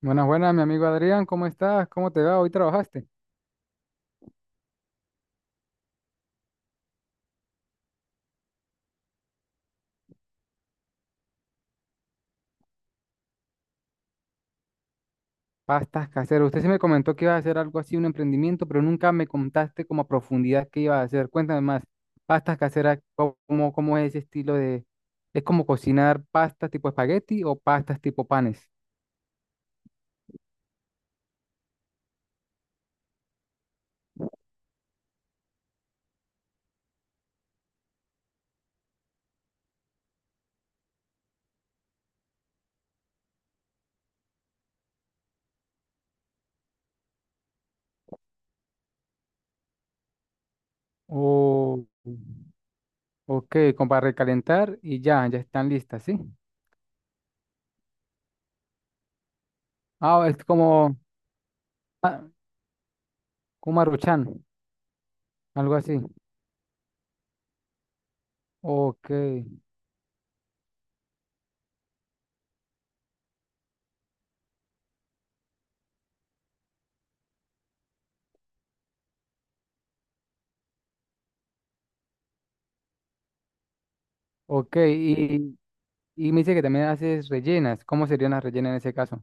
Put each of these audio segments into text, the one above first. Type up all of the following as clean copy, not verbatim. Buenas, buenas, mi amigo Adrián, ¿cómo estás? ¿Cómo te va? ¿Hoy trabajaste? Pastas caseras. Usted sí me comentó que ibas a hacer algo así, un emprendimiento, pero nunca me contaste como a profundidad qué ibas a hacer. Cuéntame más. Pastas caseras, ¿cómo es ese estilo de... ¿Es como cocinar pastas tipo espagueti o pastas tipo panes? Oh, ok, como para recalentar y ya, ya están listas, ¿sí? Ah, es como, ah, como Maruchan, algo así. Ok, ok, y... y... me dice que también haces rellenas. ¿Cómo serían las rellenas en ese caso?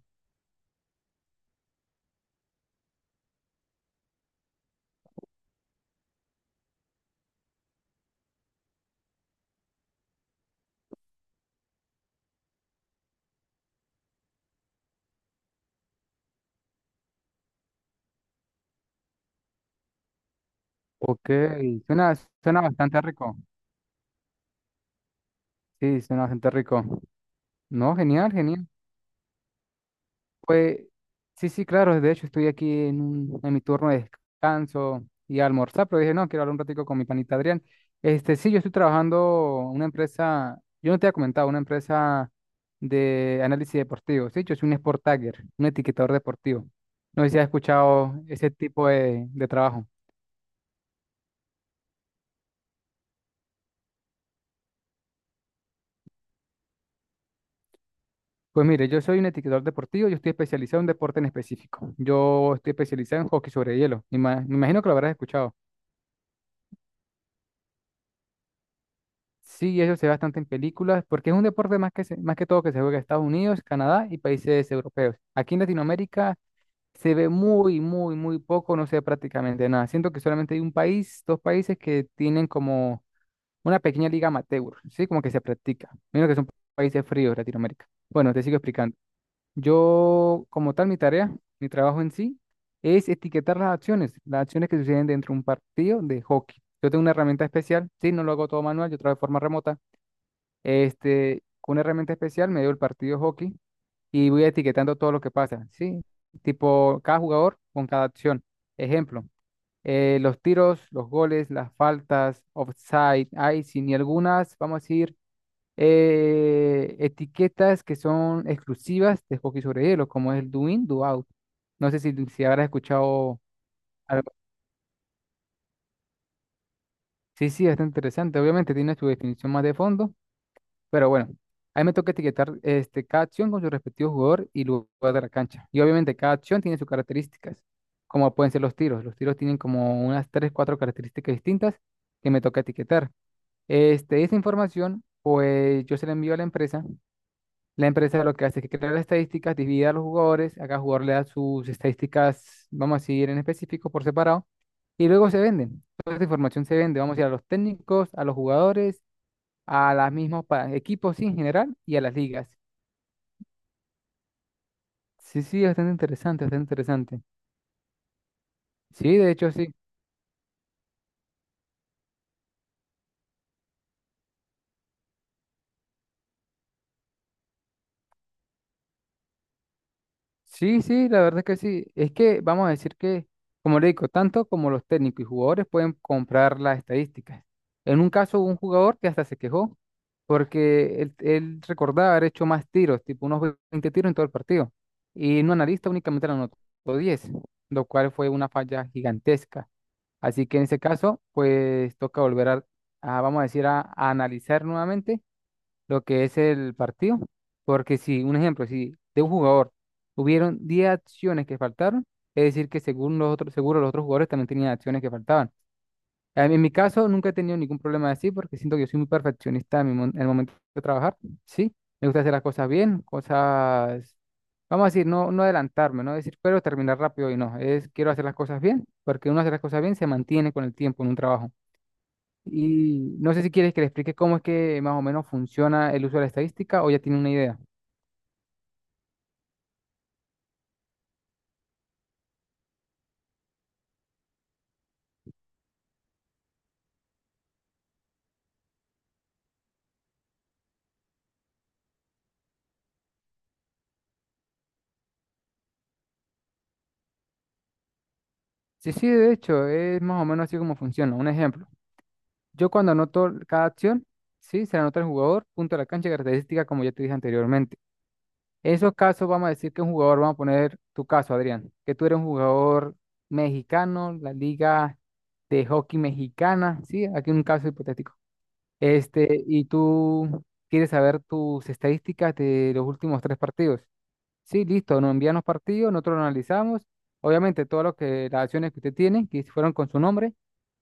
Ok, suena, suena bastante rico. Sí, suena bastante rico. No, genial, genial. Pues sí, sí, claro. De hecho, estoy aquí en mi turno de descanso y almorzar, pero dije, no, quiero hablar un ratico con mi panita Adrián. Este, sí, yo estoy trabajando en una empresa, yo no te había comentado, una empresa de análisis deportivo. Sí, yo soy un sport tagger, un etiquetador deportivo. No sé si has escuchado ese tipo de trabajo. Pues mire, yo soy un etiquetador deportivo, yo estoy especializado en un deporte en específico. Yo estoy especializado en hockey sobre hielo. Me imagino que lo habrás escuchado. Sí, eso se ve bastante en películas, porque es un deporte más que, más que todo que se juega en Estados Unidos, Canadá y países europeos. Aquí en Latinoamérica se ve muy, muy, muy poco, no se ve prácticamente nada. Siento que solamente hay un país, dos países que tienen como una pequeña liga amateur, ¿sí? Como que se practica. Menos que son países fríos, Latinoamérica. Bueno, te sigo explicando. Yo, como tal, mi tarea, mi trabajo en sí, es etiquetar las acciones que suceden dentro de un partido de hockey. Yo tengo una herramienta especial, sí, no lo hago todo manual, yo trabajo de forma remota. Este, con una herramienta especial me dio el partido de hockey y voy etiquetando todo lo que pasa, sí, tipo cada jugador con cada acción. Ejemplo, los tiros, los goles, las faltas, offside, icing y algunas, vamos a decir, etiquetas que son exclusivas de hockey sobre hielo, como es el do in, do out. No sé si habrás escuchado algo. Sí, sí, está interesante. Obviamente tiene su definición más de fondo, pero bueno, ahí me toca etiquetar, este, cada acción con su respectivo jugador y lugar de la cancha. Y obviamente cada acción tiene sus características, como pueden ser los tiros. Los tiros tienen como unas 3 4 características distintas que me toca etiquetar. Este, esa información, pues yo se la envío a la empresa. La empresa lo que hace es que crea las estadísticas, divide a los jugadores, a cada jugador le da sus estadísticas, vamos a decir, en específico, por separado, y luego se venden. Toda esta información se vende, vamos a ir a los técnicos, a los jugadores, a los mismos equipos, sí, en general y a las ligas. Sí, sí, bastante interesante, bastante interesante. Sí, de hecho, sí, sí, sí, la verdad es que sí. Es que vamos a decir que, como le digo, tanto como los técnicos y jugadores pueden comprar las estadísticas. En un caso, hubo un jugador que hasta se quejó porque él recordaba haber hecho más tiros, tipo unos 20 tiros en todo el partido. Y un analista únicamente le anotó 10, lo cual fue una falla gigantesca. Así que en ese caso, pues toca volver a, vamos a decir, a analizar nuevamente lo que es el partido. Porque si, un ejemplo, si de un jugador hubieron 10 acciones que faltaron, es decir, que según los otros, seguro los otros jugadores también tenían acciones que faltaban. A mí, en mi caso, nunca he tenido ningún problema así porque siento que yo soy muy perfeccionista en, en el momento de trabajar. Sí, me gusta hacer las cosas bien, cosas, vamos a decir, no, no adelantarme, no decir, pero terminar rápido y no. Es, quiero hacer las cosas bien porque uno hace las cosas bien se mantiene con el tiempo en un trabajo. Y no sé si quieres que le explique cómo es que más o menos funciona el uso de la estadística o ya tiene una idea. Sí, sí, de hecho, es más o menos así como funciona. Un ejemplo. Yo cuando anoto cada acción, sí, se la anota el jugador, punto de la cancha y característica, como ya te dije anteriormente. En esos casos vamos a decir que un jugador, vamos a poner tu caso, Adrián, que tú eres un jugador mexicano, la liga de hockey mexicana, sí, aquí un caso hipotético. Este, y tú quieres saber tus estadísticas de los últimos tres partidos. Sí, listo, nos envían los partidos, nosotros lo analizamos. Obviamente, todo lo que las acciones que usted tiene, que fueron con su nombre,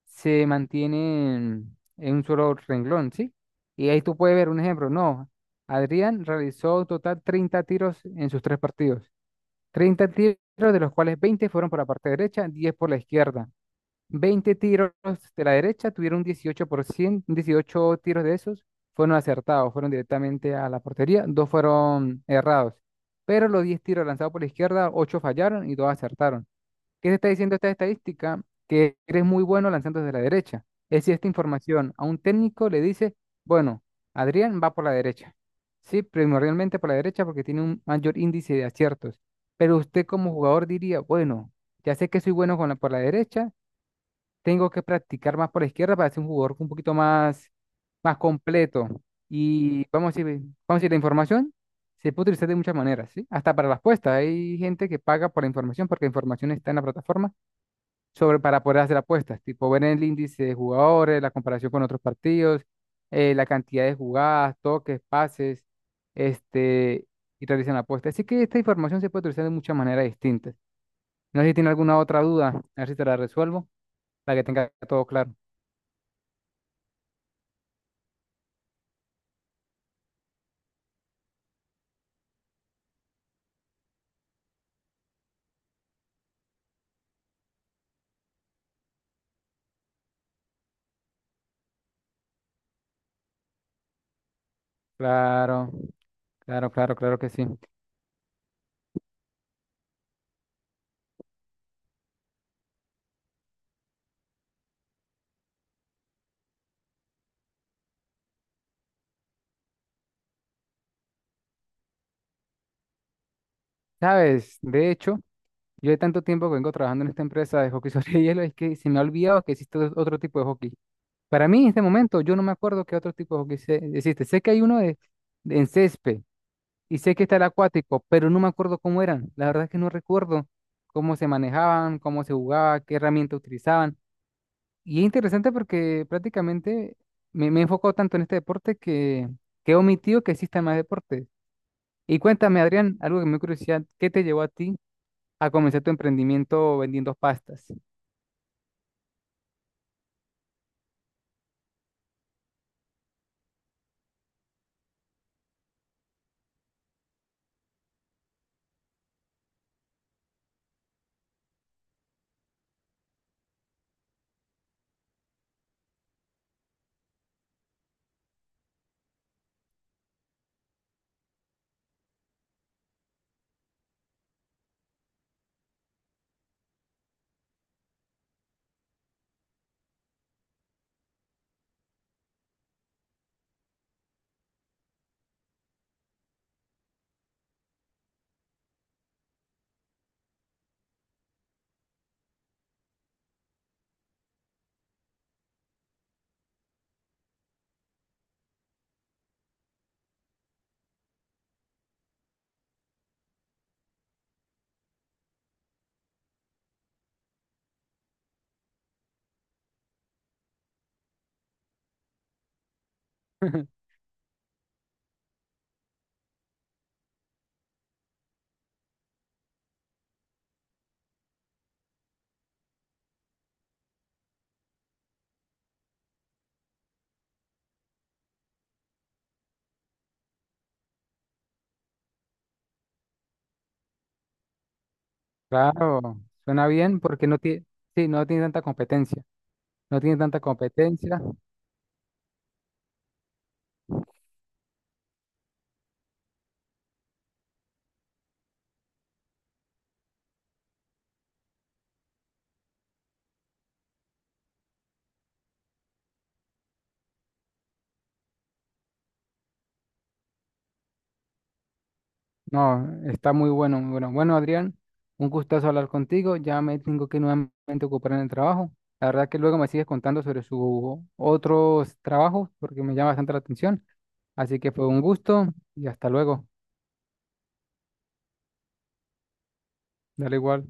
se mantienen en un solo renglón, ¿sí? Y ahí tú puedes ver un ejemplo. No, Adrián realizó total 30 tiros en sus tres partidos. 30 tiros, de los cuales 20 fueron por la parte derecha, 10 por la izquierda. 20 tiros de la derecha tuvieron 18%, 18 tiros de esos fueron acertados, fueron directamente a la portería, dos fueron errados. Pero los 10 tiros lanzados por la izquierda, 8 fallaron y 2 acertaron. ¿Qué te está diciendo esta estadística? Que eres muy bueno lanzando desde la derecha. Es si esta información a un técnico le dice, bueno, Adrián va por la derecha. Sí, primordialmente por la derecha porque tiene un mayor índice de aciertos. Pero usted como jugador diría, bueno, ya sé que soy bueno con la, por la derecha tengo que practicar más por la izquierda para ser un jugador un poquito más, más completo. Y vamos a decir, la información se puede utilizar de muchas maneras, ¿sí? Hasta para las apuestas. Hay gente que paga por la información porque la información está en la plataforma sobre, para poder hacer apuestas, tipo ver el índice de jugadores, la comparación con otros partidos, la cantidad de jugadas, toques, pases, este, y realizan apuestas. Así que esta información se puede utilizar de muchas maneras distintas. No sé si tiene alguna otra duda, a ver si te la resuelvo, para que tenga todo claro. Claro, claro, claro, claro que sí. Sabes, de hecho, yo de tanto tiempo que vengo trabajando en esta empresa de hockey sobre hielo, es que se me ha olvidado que existe otro tipo de hockey. Para mí, en este momento, yo no me acuerdo qué otro tipo de hockey existe. Sé que hay uno de, en césped, y sé que está el acuático, pero no me acuerdo cómo eran. La verdad es que no recuerdo cómo se manejaban, cómo se jugaba, qué herramienta utilizaban. Y es interesante porque prácticamente me he enfocado tanto en este deporte que, he omitido que existan más deportes. Y cuéntame, Adrián, algo que me dio curiosidad, ¿qué te llevó a ti a comenzar tu emprendimiento vendiendo pastas? Claro, suena bien porque no tiene, sí, no tiene tanta competencia, no tiene tanta competencia. No, está muy bueno, muy bueno. Bueno, Adrián, un gustazo hablar contigo, ya me tengo que nuevamente ocupar en el trabajo. La verdad que luego me sigues contando sobre sus otros trabajos porque me llama bastante la atención, así que fue un gusto y hasta luego, dale igual.